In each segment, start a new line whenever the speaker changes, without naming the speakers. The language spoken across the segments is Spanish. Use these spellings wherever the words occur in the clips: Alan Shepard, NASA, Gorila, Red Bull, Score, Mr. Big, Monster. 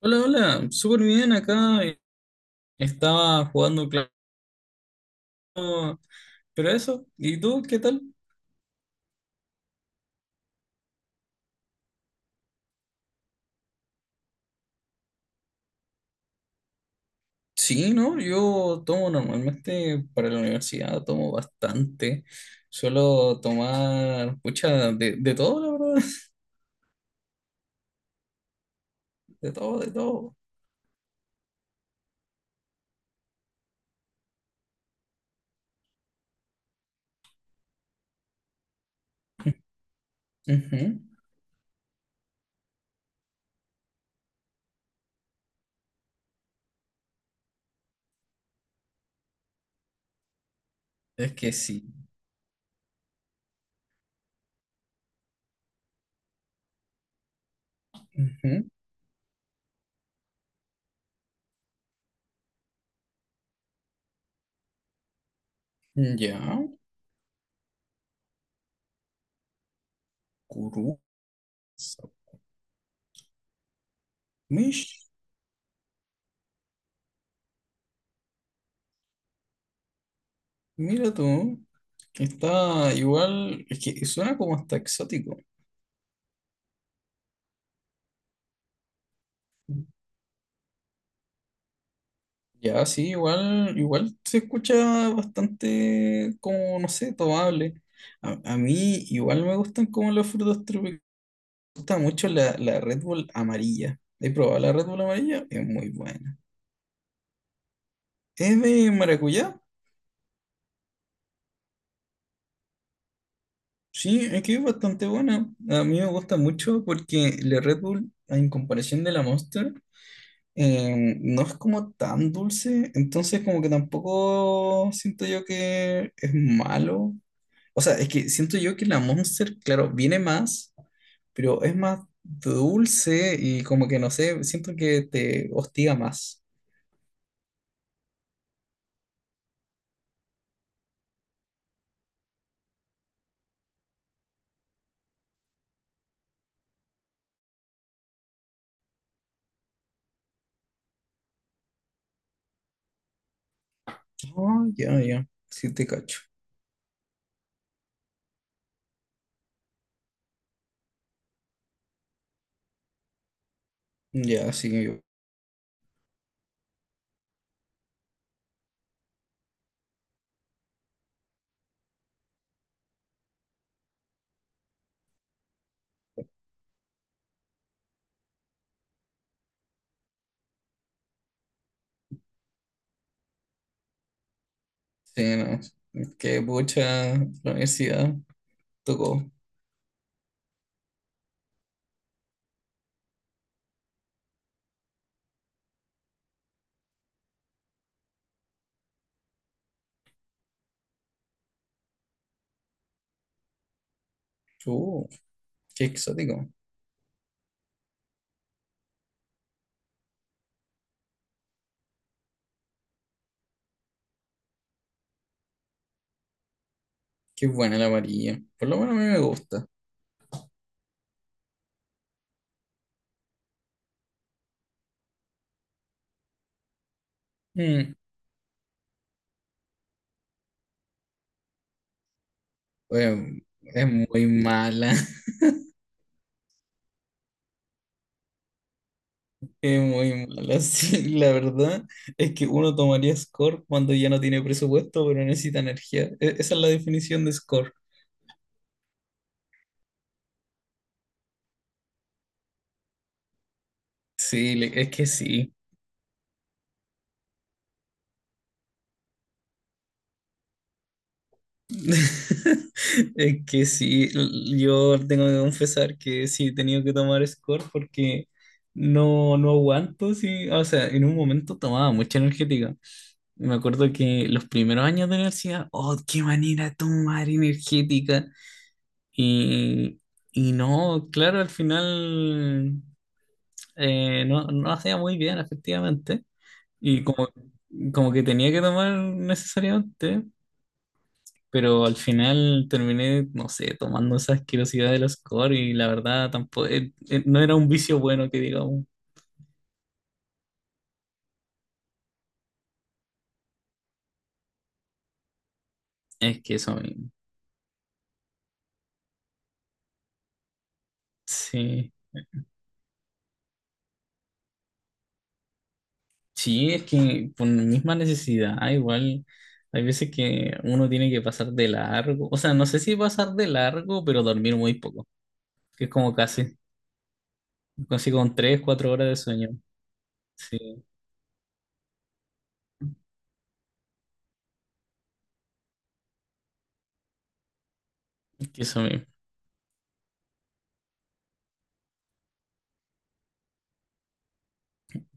Hola, hola, súper bien acá. Estaba jugando, claro, pero eso, ¿y tú qué tal? Sí, ¿no? Yo tomo normalmente para la universidad, tomo bastante. Suelo tomar, pucha, de todo, la verdad. De todo, de todo. Ujú. Es que sí. Ujú. Ya. Kuru. Mish, mira tú. Está igual, es que suena como hasta exótico. Ya, sí, igual, igual se escucha bastante como, no sé, tomable. A mí igual me gustan como los frutos tropicales. Me gusta mucho la Red Bull amarilla. He probado la Red Bull amarilla, es muy buena. ¿Es de maracuyá? Sí, es que es bastante buena. A mí me gusta mucho porque la Red Bull, en comparación de la Monster, no es como tan dulce, entonces como que tampoco siento yo que es malo. O sea, es que siento yo que la Monster, claro, viene más, pero es más dulce y como que no sé, siento que te hostiga más. Oh, ya, ya, sí te cacho. Ya, sí, sí, no. Qué pucha, la universidad tocó. Uh, Qué exótico. Qué buena la varilla. Por lo menos a mí me gusta. Mm, bueno, es muy mala. Es muy mala, sí, la verdad es que uno tomaría score cuando ya no tiene presupuesto, pero necesita energía. Esa es la definición de score. Sí, es que sí. Es que sí, yo tengo que confesar que sí he tenido que tomar score porque no, no aguanto, sí. O sea, en un momento tomaba mucha energética. Me acuerdo que los primeros años de universidad, oh, qué manera de tomar energética. Y, y no, claro, al final no, no hacía muy bien, efectivamente. Y como que tenía que tomar necesariamente, pero al final terminé, no sé, tomando esa asquerosidad del score y la verdad tampoco, no era un vicio bueno que digamos. Es que eso mismo. Sí. Sí, es que por la misma necesidad, ah, igual. Hay veces que uno tiene que pasar de largo, o sea, no sé si pasar de largo, pero dormir muy poco, que es como casi consigo con 3, 4 horas de sueño. Sí, eso mismo.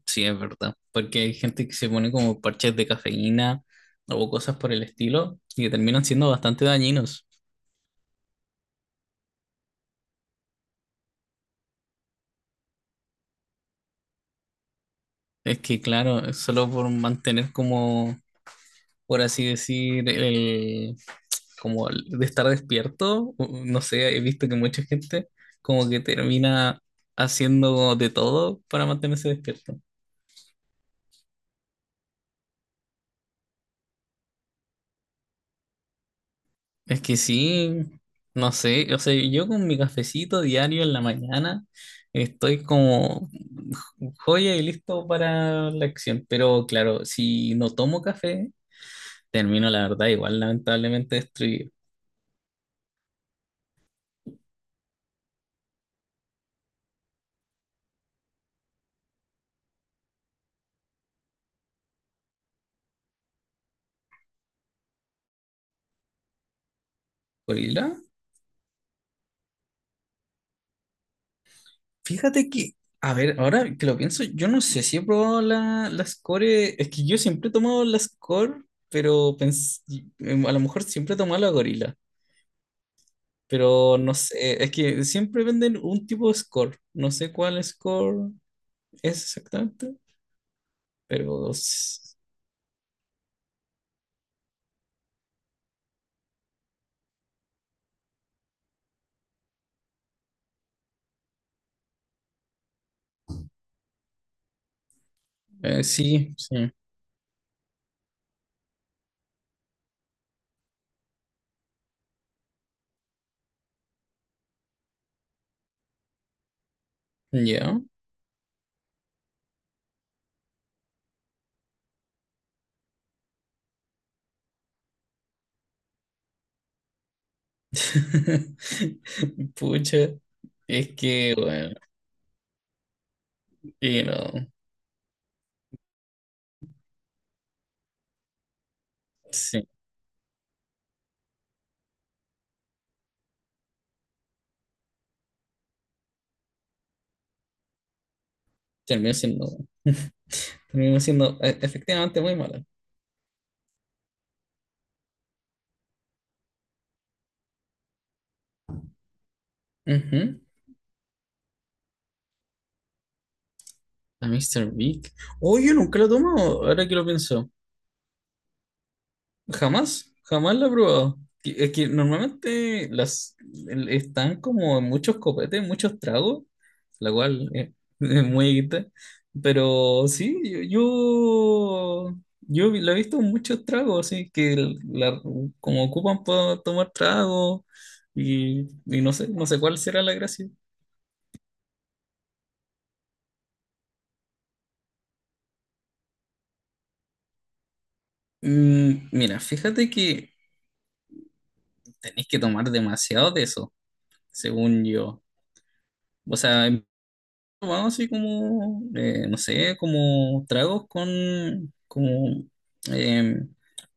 Sí, es verdad. Porque hay gente que se pone como parches de cafeína o cosas por el estilo y que terminan siendo bastante dañinos. Es que, claro, es solo por mantener como, por así decir, el, como el de estar despierto, no sé, he visto que mucha gente como que termina haciendo de todo para mantenerse despierto. Es que sí, no sé, o sea, yo con mi cafecito diario en la mañana estoy como joya y listo para la acción, pero claro, si no tomo café, termino la verdad igual lamentablemente destruido. Por ir a- Fíjate que, a ver, ahora que lo pienso, yo no sé si he probado la, la Score, es que yo siempre he tomado la Score, pero a lo mejor siempre he tomado la Gorila. Pero no sé, es que siempre venden un tipo de score. No sé cuál score es exactamente, pero sí, sí. Ya. Pucha, es que, bueno, y no, sí, terminó siendo, terminó siendo efectivamente muy mala. Ujú. A Mr. Big. Oh, yo nunca lo he ahora que lo pienso. Jamás, jamás la he probado. Es que normalmente están como en muchos copetes, muchos tragos, la cual es muy equita. Pero sí, la he visto en muchos tragos, así que como ocupan para tomar tragos y no sé, no sé cuál será la gracia. Mira, fíjate que tenés que tomar demasiado de eso, según yo. O sea, tomado así como, no sé, como tragos con como eh,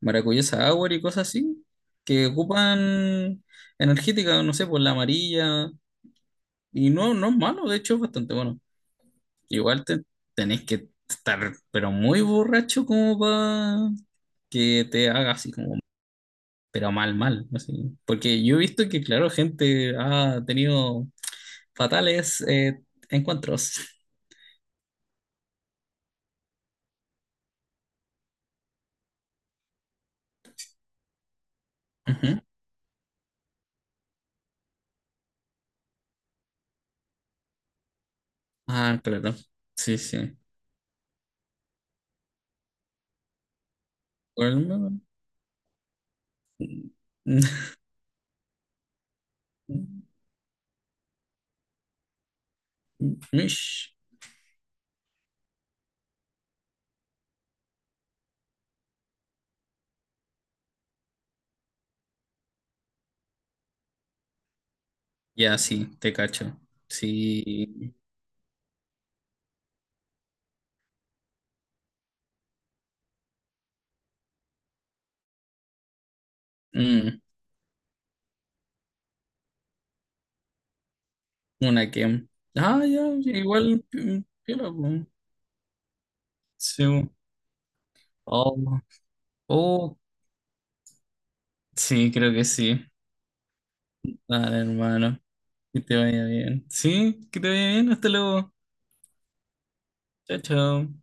maracuyá sour y cosas así, que ocupan energética, no sé, por la amarilla, y no, no es malo, de hecho es bastante bueno. Igual tenés que estar, pero muy borracho como para que te haga así como, pero mal, mal, así. Porque yo he visto que, claro, gente ha tenido fatales encuentros. Ah, claro. Sí, sí. Bueno, Mish. Ya, sí, te cacho. Sí. Mm, una que. Ah, ya, igual. Piola, po. Sí. Oh, oh, sí, creo que sí. Dale, hermano. Que te vaya bien. Sí, que te vaya bien. Hasta luego. Chao, chao.